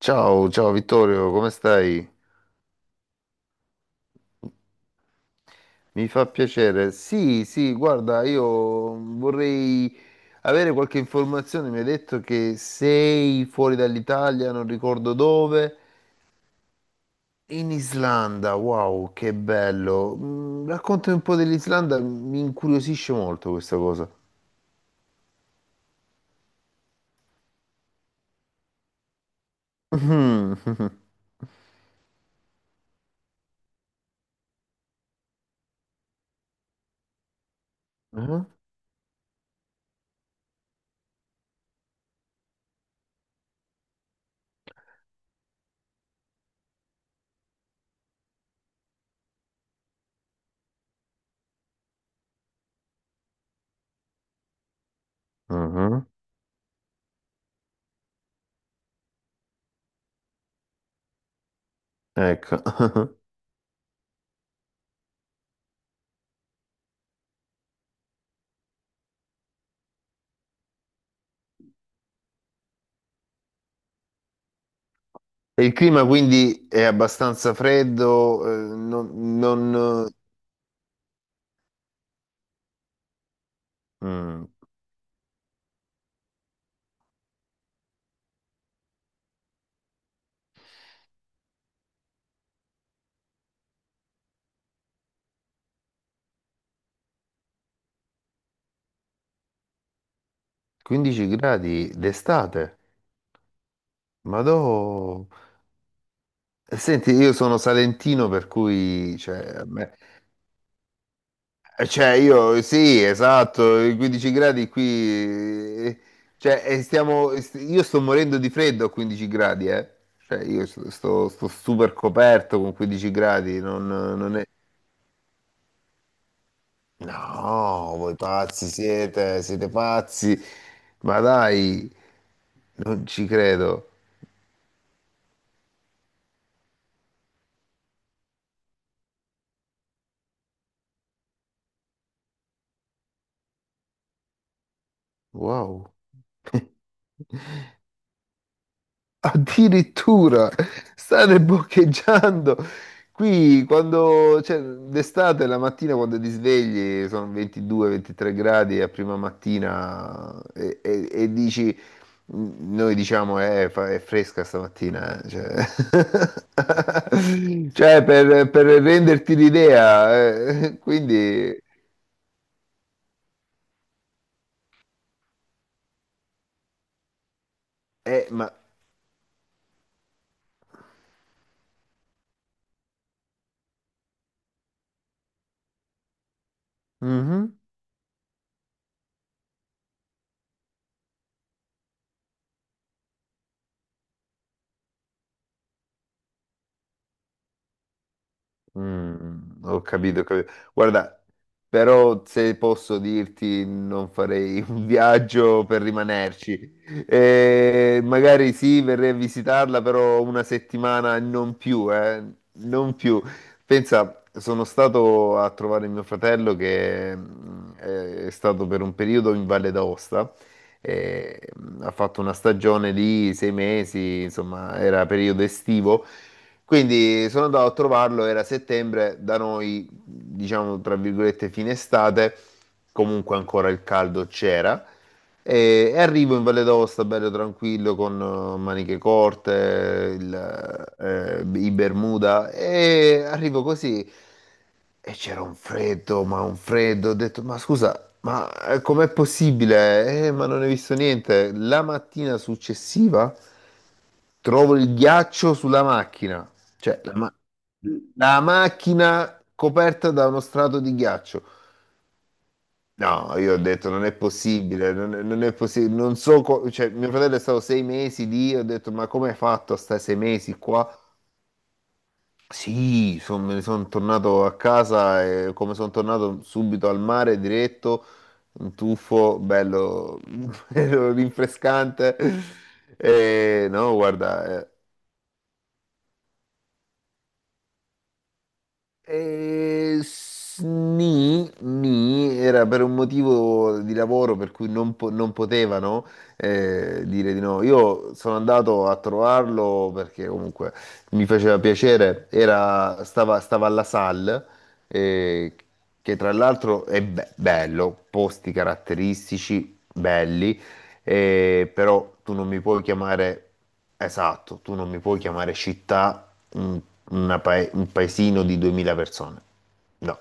Ciao, ciao Vittorio, come stai? Mi fa piacere. Sì, sì, guarda, io vorrei avere qualche informazione. Mi hai detto che sei fuori dall'Italia, non ricordo dove, in Islanda. Wow, che bello. Raccontami un po' dell'Islanda, mi incuriosisce molto questa cosa. Mhm, mhm, mhm. Ecco. E il clima quindi è abbastanza freddo, non, non-. Mm. 15 gradi d'estate, ma dopo. Senti, io sono salentino, per cui, cioè, a me-. Cioè, io sì, esatto, i 15 gradi qui, eh, cioè, io sto morendo di freddo a 15 gradi, eh. Cioè, io sto super coperto con 15 gradi, non è. No, voi pazzi siete, siete pazzi, ma dai, non ci credo. Wow. Addirittura state boccheggiando. Qui quando, cioè, d'estate la mattina quando ti svegli sono 22-23 gradi a prima mattina e dici, noi diciamo, è fresca stamattina. Cioè. Cioè, per renderti l'idea, quindi, ma. Mhm. Ho capito, ho capito. Guarda, però se posso dirti non farei un viaggio per rimanerci. Magari sì, verrei a visitarla, però una settimana non più, non più. Pensa, sono stato a trovare mio fratello che è stato per un periodo in Valle d'Aosta. eh, ha fatto una stagione lì, 6 mesi, insomma, era periodo estivo. Quindi sono andato a trovarlo, era settembre, da noi, diciamo tra virgolette, fine estate, comunque ancora il caldo c'era. E arrivo in Valle d'Aosta bello tranquillo con maniche corte, i Bermuda e arrivo così. E c'era un freddo, ma un freddo. Ho detto, ma scusa, ma com'è possibile? Ma non hai visto niente. La mattina successiva trovo il ghiaccio sulla macchina. Cioè, la macchina coperta da uno strato di ghiaccio. No, io ho detto, non è possibile, non è possibile. Non so, cioè, mio fratello è stato 6 mesi lì, ho detto, ma come hai fatto a stare 6 mesi qua? Sì, me ne sono tornato a casa e come sono tornato subito al mare diretto, un tuffo bello, bello rinfrescante. E, no, guarda. Nì, nì, era per un motivo di lavoro per cui non potevano dire di no. Io sono andato a trovarlo perché comunque mi faceva piacere, stava alla SAL, eh, che tra l'altro è bello, posti caratteristici, belli, però tu non mi puoi chiamare, esatto, tu non mi puoi chiamare città un paesino di 2000 persone. No.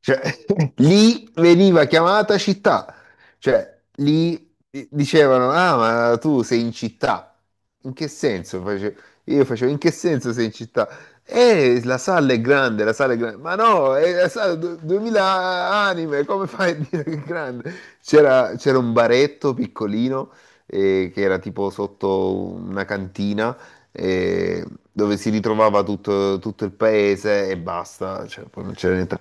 Cioè, lì veniva chiamata città. Cioè, lì dicevano, ah, ma tu sei in città. In che senso? Io facevo, in che senso sei in città? La sala è grande, la sala è grande. Ma no, è la sala 2000 anime, come fai a dire che è grande? C'era un baretto piccolino, che era tipo sotto una cantina e- dove si ritrovava tutto, tutto il paese e basta, cioè, poi non c'era niente.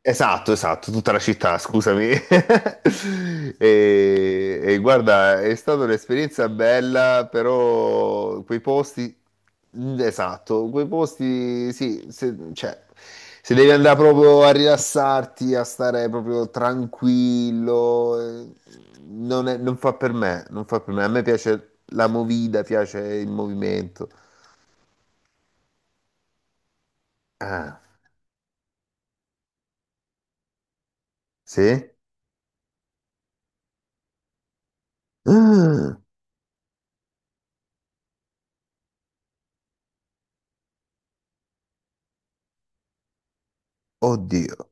Esatto, esatto, tutta la città, scusami. E guarda, è stata un'esperienza bella, però quei posti, esatto, quei posti, sì, se, cioè, se devi andare proprio a rilassarti, a stare proprio tranquillo, non fa per me, non fa per me. A me piace la movida, piace il movimento. Ah, sì? Ah, oddio.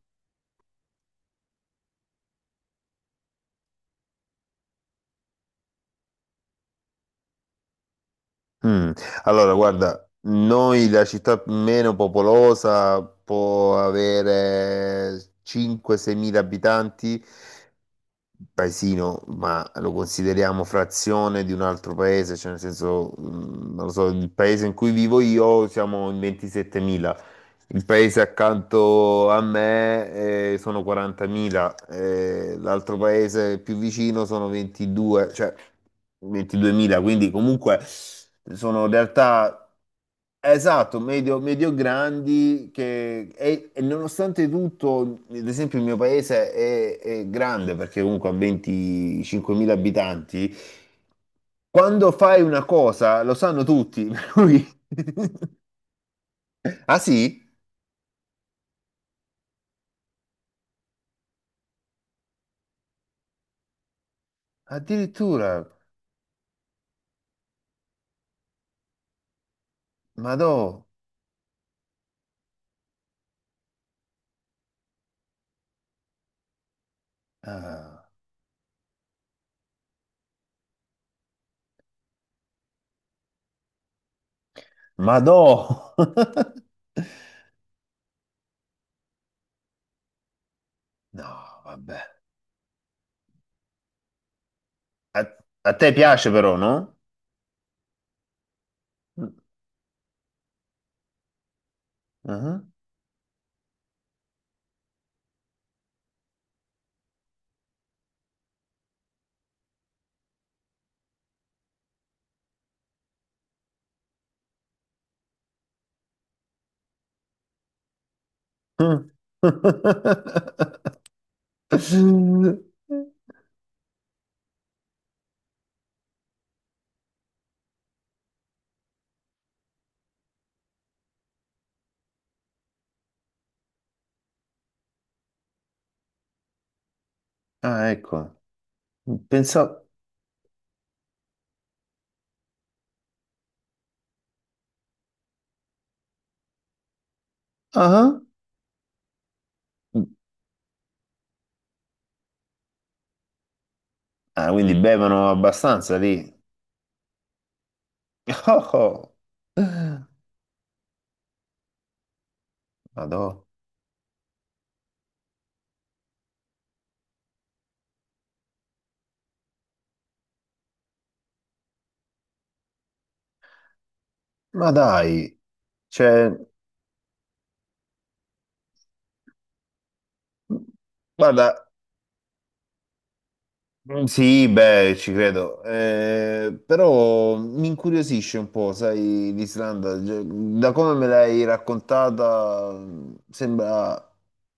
Mm. Allora, guarda, noi la città meno popolosa può avere 5-6 mila abitanti, paesino, ma lo consideriamo frazione di un altro paese, cioè nel senso, non lo so, il paese in cui vivo io siamo in 27.000. Il paese accanto a me sono 40.000, l'altro paese più vicino sono 22, cioè 22.000, quindi comunque sono realtà, esatto, medio, grandi, che e nonostante tutto, ad esempio il mio paese è grande perché comunque ha 25.000 abitanti, quando fai una cosa lo sanno tutti, per cui-. Ah sì? Addirittura, madò, ah, madò. No, vabbè. A, a te piace però, no? Mhm. Mm. Ah, ecco. Pensavo. Ah, ah, quindi bevono abbastanza lì. Oh, oh. Madò. Ma dai, cioè, guarda, sì, beh, ci credo. Però mi incuriosisce un po', sai, l'Islanda. Cioè, da come me l'hai raccontata, sembra.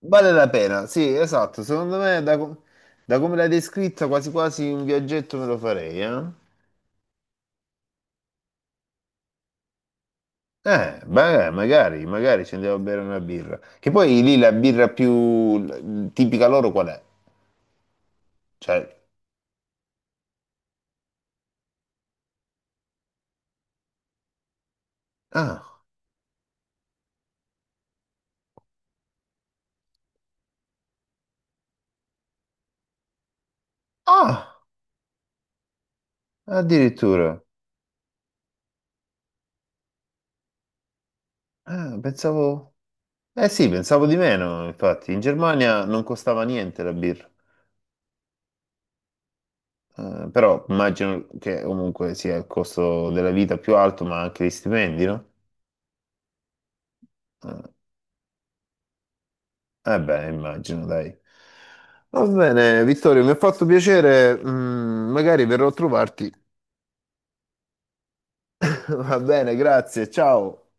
Vale la pena, sì, esatto, secondo me da, da come l'hai descritta quasi quasi un viaggetto me lo farei, eh? Beh, magari, magari ci andiamo a bere una birra. Che poi lì la birra più tipica loro qual è? Cioè. Ah, ah, addirittura. Ah, pensavo. Eh sì, pensavo di meno, infatti. In Germania non costava niente la birra. Però immagino che comunque sia il costo della vita più alto, ma anche gli stipendi, no? Eh, eh beh, immagino, dai. Va bene, Vittorio, mi ha fatto piacere, magari verrò a trovarti. Va bene, grazie, ciao.